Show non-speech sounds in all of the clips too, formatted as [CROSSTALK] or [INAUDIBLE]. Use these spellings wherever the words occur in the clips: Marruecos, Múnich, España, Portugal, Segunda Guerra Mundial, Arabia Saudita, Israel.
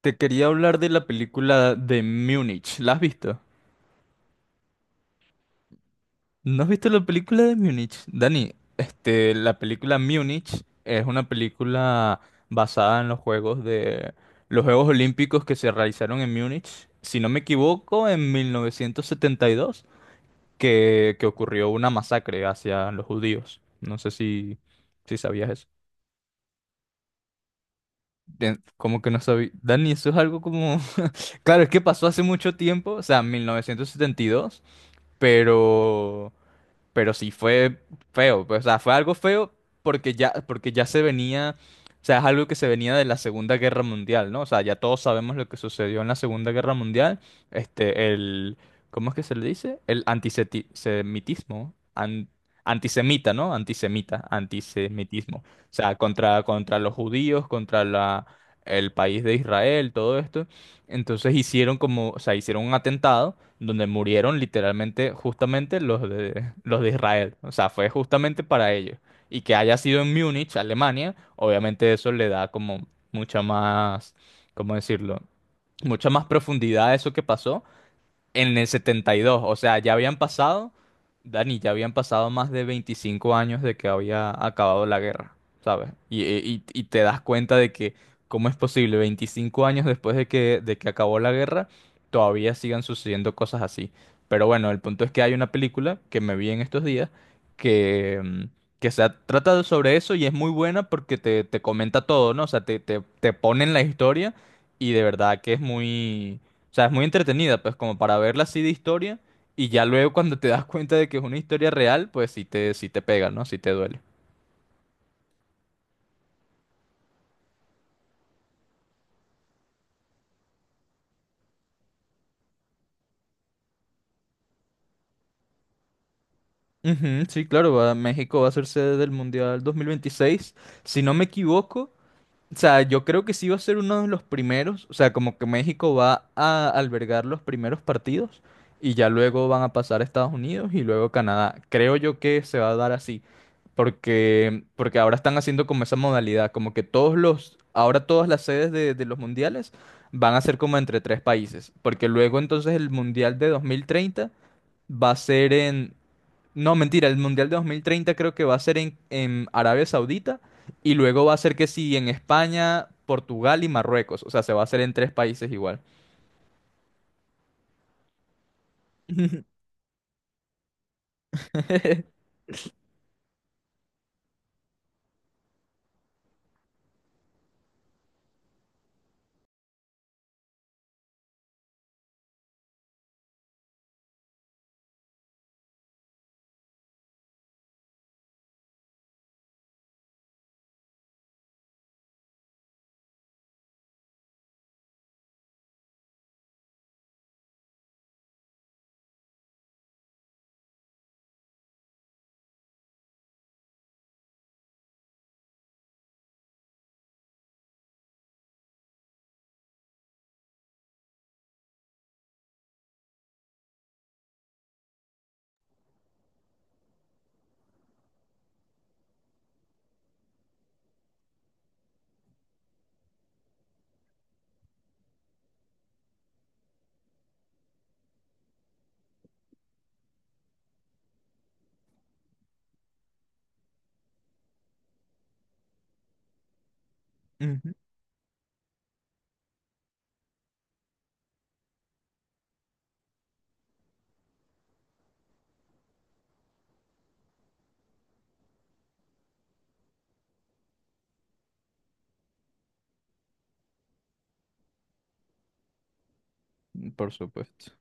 Te quería hablar de la película de Múnich. ¿La has visto? ¿No has visto la película de Múnich? Dani, la película Múnich es una película basada en los Juegos Olímpicos que se realizaron en Múnich, si no me equivoco, en 1972, que ocurrió una masacre hacia los judíos. No sé si sabías eso. Como que no sabía. Dani, eso es algo como... [LAUGHS] Claro, es que pasó hace mucho tiempo, o sea, 1972. pero pero sí fue feo, pues, o sea, fue algo feo porque ya se venía, o sea, es algo que se venía de la Segunda Guerra Mundial, ¿no? O sea, ya todos sabemos lo que sucedió en la Segunda Guerra Mundial, este el ¿cómo es que se le dice? El antisemitismo, antisemita, ¿no? Antisemita, antisemitismo. O sea, contra los judíos, contra la el país de Israel, todo esto. Entonces hicieron como, o sea, hicieron un atentado donde murieron literalmente justamente los de Israel. O sea, fue justamente para ellos. Y que haya sido en Múnich, Alemania, obviamente eso le da como mucha más, ¿cómo decirlo? Mucha más profundidad a eso que pasó en el 72, o sea, ya habían pasado, Dani, ya habían pasado más de 25 años de que había acabado la guerra, ¿sabes? Y, y te das cuenta de que, ¿cómo es posible? 25 años después de que acabó la guerra, todavía sigan sucediendo cosas así. Pero bueno, el punto es que hay una película que me vi en estos días que, mm, trata sobre eso y es muy buena porque te comenta todo, ¿no? O sea, te ponen la historia y de verdad que es muy... O sea, es muy entretenida, pues como para verla así de historia y ya luego cuando te das cuenta de que es una historia real, pues sí te pega, ¿no? Sí te duele. Ujú, sí, claro, México va a ser sede del Mundial 2026. Si no me equivoco, o sea, yo creo que sí va a ser uno de los primeros, o sea, como que México va a albergar los primeros partidos y ya luego van a pasar a Estados Unidos y luego Canadá. Creo yo que se va a dar así, porque ahora están haciendo como esa modalidad, como que ahora todas las sedes de los mundiales van a ser como entre tres países, porque luego entonces el mundial de 2030 va a ser no, mentira, el Mundial de 2030 creo que va a ser en Arabia Saudita y luego va a ser que sí en España, Portugal y Marruecos. O sea, se va a hacer en tres países igual. [LAUGHS] Ujú. Por supuesto.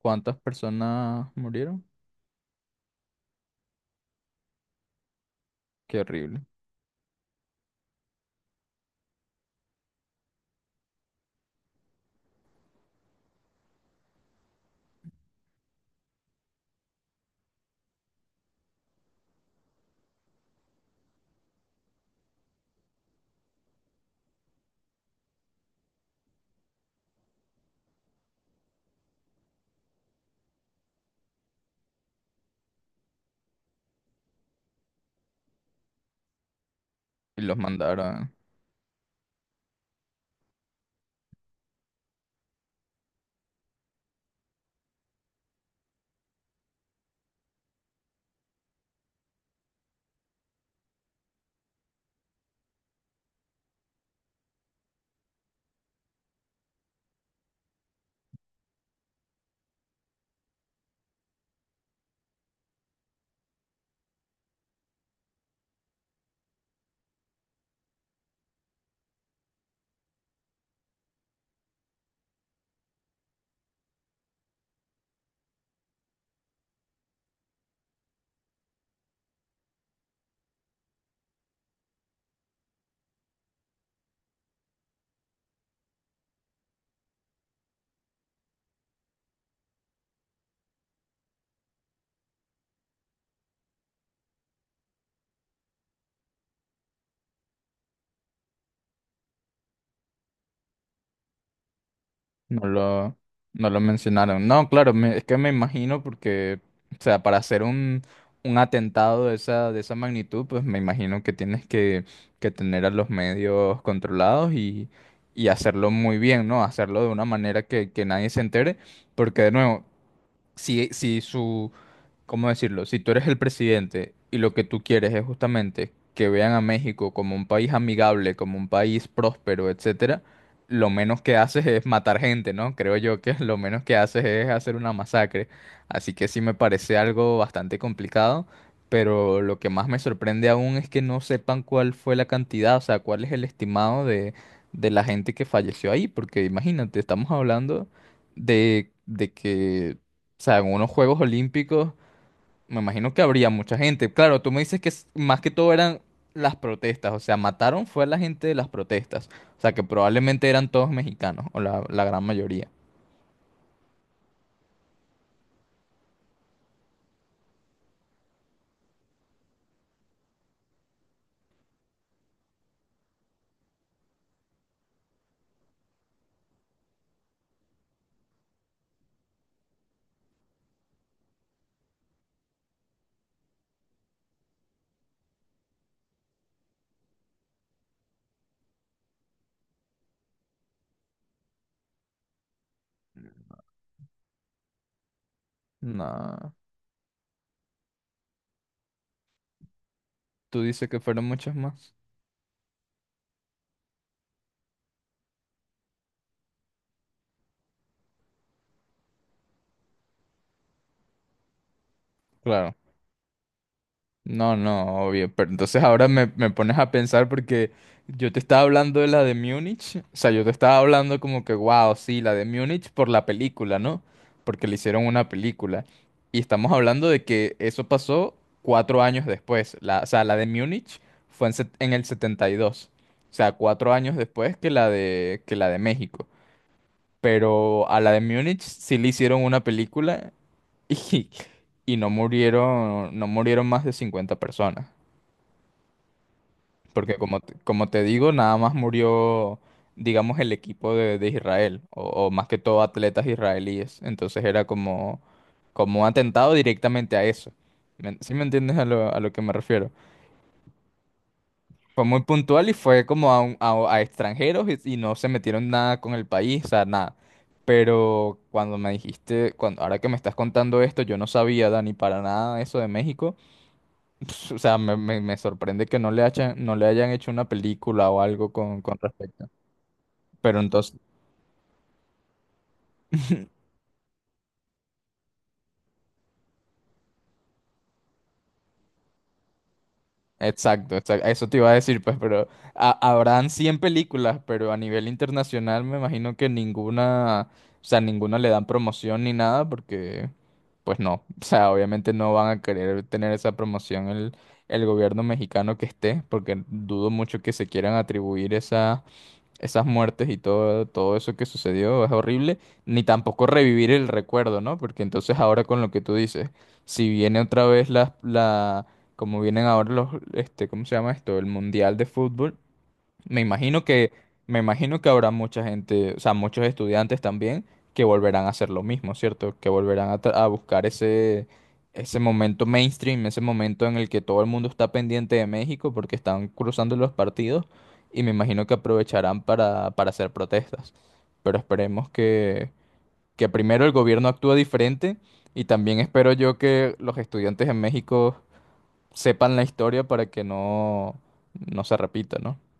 ¿Cuántas personas murieron? Qué horrible. Y los mandaron. No lo, no lo mencionaron. No, claro, es que me imagino porque, o sea, para hacer un atentado de de esa magnitud, pues me imagino que tienes que tener a los medios controlados y hacerlo muy bien, ¿no? Hacerlo de una manera que nadie se entere, porque de nuevo, si, si su, ¿cómo decirlo? Si tú eres el presidente y lo que tú quieres es justamente que vean a México como un país amigable, como un país próspero, etcétera, lo menos que haces es matar gente, ¿no? Creo yo que [LAUGHS] lo menos que haces es hacer una masacre. Así que sí me parece algo bastante complicado, pero lo que más me sorprende aún es que no sepan cuál fue la cantidad, o sea, cuál es el estimado de la gente que falleció ahí, porque imagínate, estamos hablando de, de que, o sea, en unos Juegos Olímpicos me imagino que habría mucha gente. Claro, tú me dices que más que todo eran las protestas, o sea, mataron fue a la gente de las protestas, o sea, que probablemente eran todos mexicanos, o la gran mayoría. No, tú dices que fueron muchos más. Claro. No, no, obvio. Pero entonces ahora me pones a pensar porque yo te estaba hablando de la de Múnich. O sea, yo te estaba hablando como que, wow, sí, la de Múnich por la película, ¿no? Porque le hicieron una película. Y estamos hablando de que eso pasó 4 años después. La, o sea, la de Múnich fue en el 72. O sea, 4 años después que que la de México. Pero a la de Múnich sí le hicieron una película [LAUGHS] y, y no murieron, no murieron más de 50 personas. Porque como, como te digo, nada más murió, digamos, el equipo de Israel, o más que todo atletas israelíes. Entonces era como, como un atentado directamente a eso. ¿Sí me entiendes a a lo que me refiero? Fue muy puntual y fue como a extranjeros y no se metieron nada con el país, o sea, nada. Pero cuando me dijiste, cuando, ahora que me estás contando esto, yo no sabía, Dani, para nada eso de México. [LAUGHS] Ps, o sea, me sorprende que no le hayan, no le hayan hecho una película o algo con respecto. Pero entonces... Exacto, exacto, eso te iba a decir, pues, pero habrán 100 películas, pero a nivel internacional me imagino que ninguna, o sea, ninguna le dan promoción ni nada, porque, pues no, o sea, obviamente no van a querer tener esa promoción el gobierno mexicano que esté, porque dudo mucho que se quieran atribuir esas muertes y todo, todo eso que sucedió es horrible, ni tampoco revivir el recuerdo, ¿no? Porque entonces ahora con lo que tú dices, si viene otra vez como vienen ahora los, ¿cómo se llama esto? El Mundial de Fútbol, me imagino que, me imagino que habrá mucha gente, o sea, muchos estudiantes también que volverán a hacer lo mismo, ¿cierto? Que volverán a buscar ese, ese momento mainstream, ese momento en el que todo el mundo está pendiente de México porque están cruzando los partidos y me imagino que aprovecharán para hacer protestas. Pero esperemos que primero el gobierno actúe diferente y también espero yo que los estudiantes en México sepan la historia para que no, no se repita, ¿no?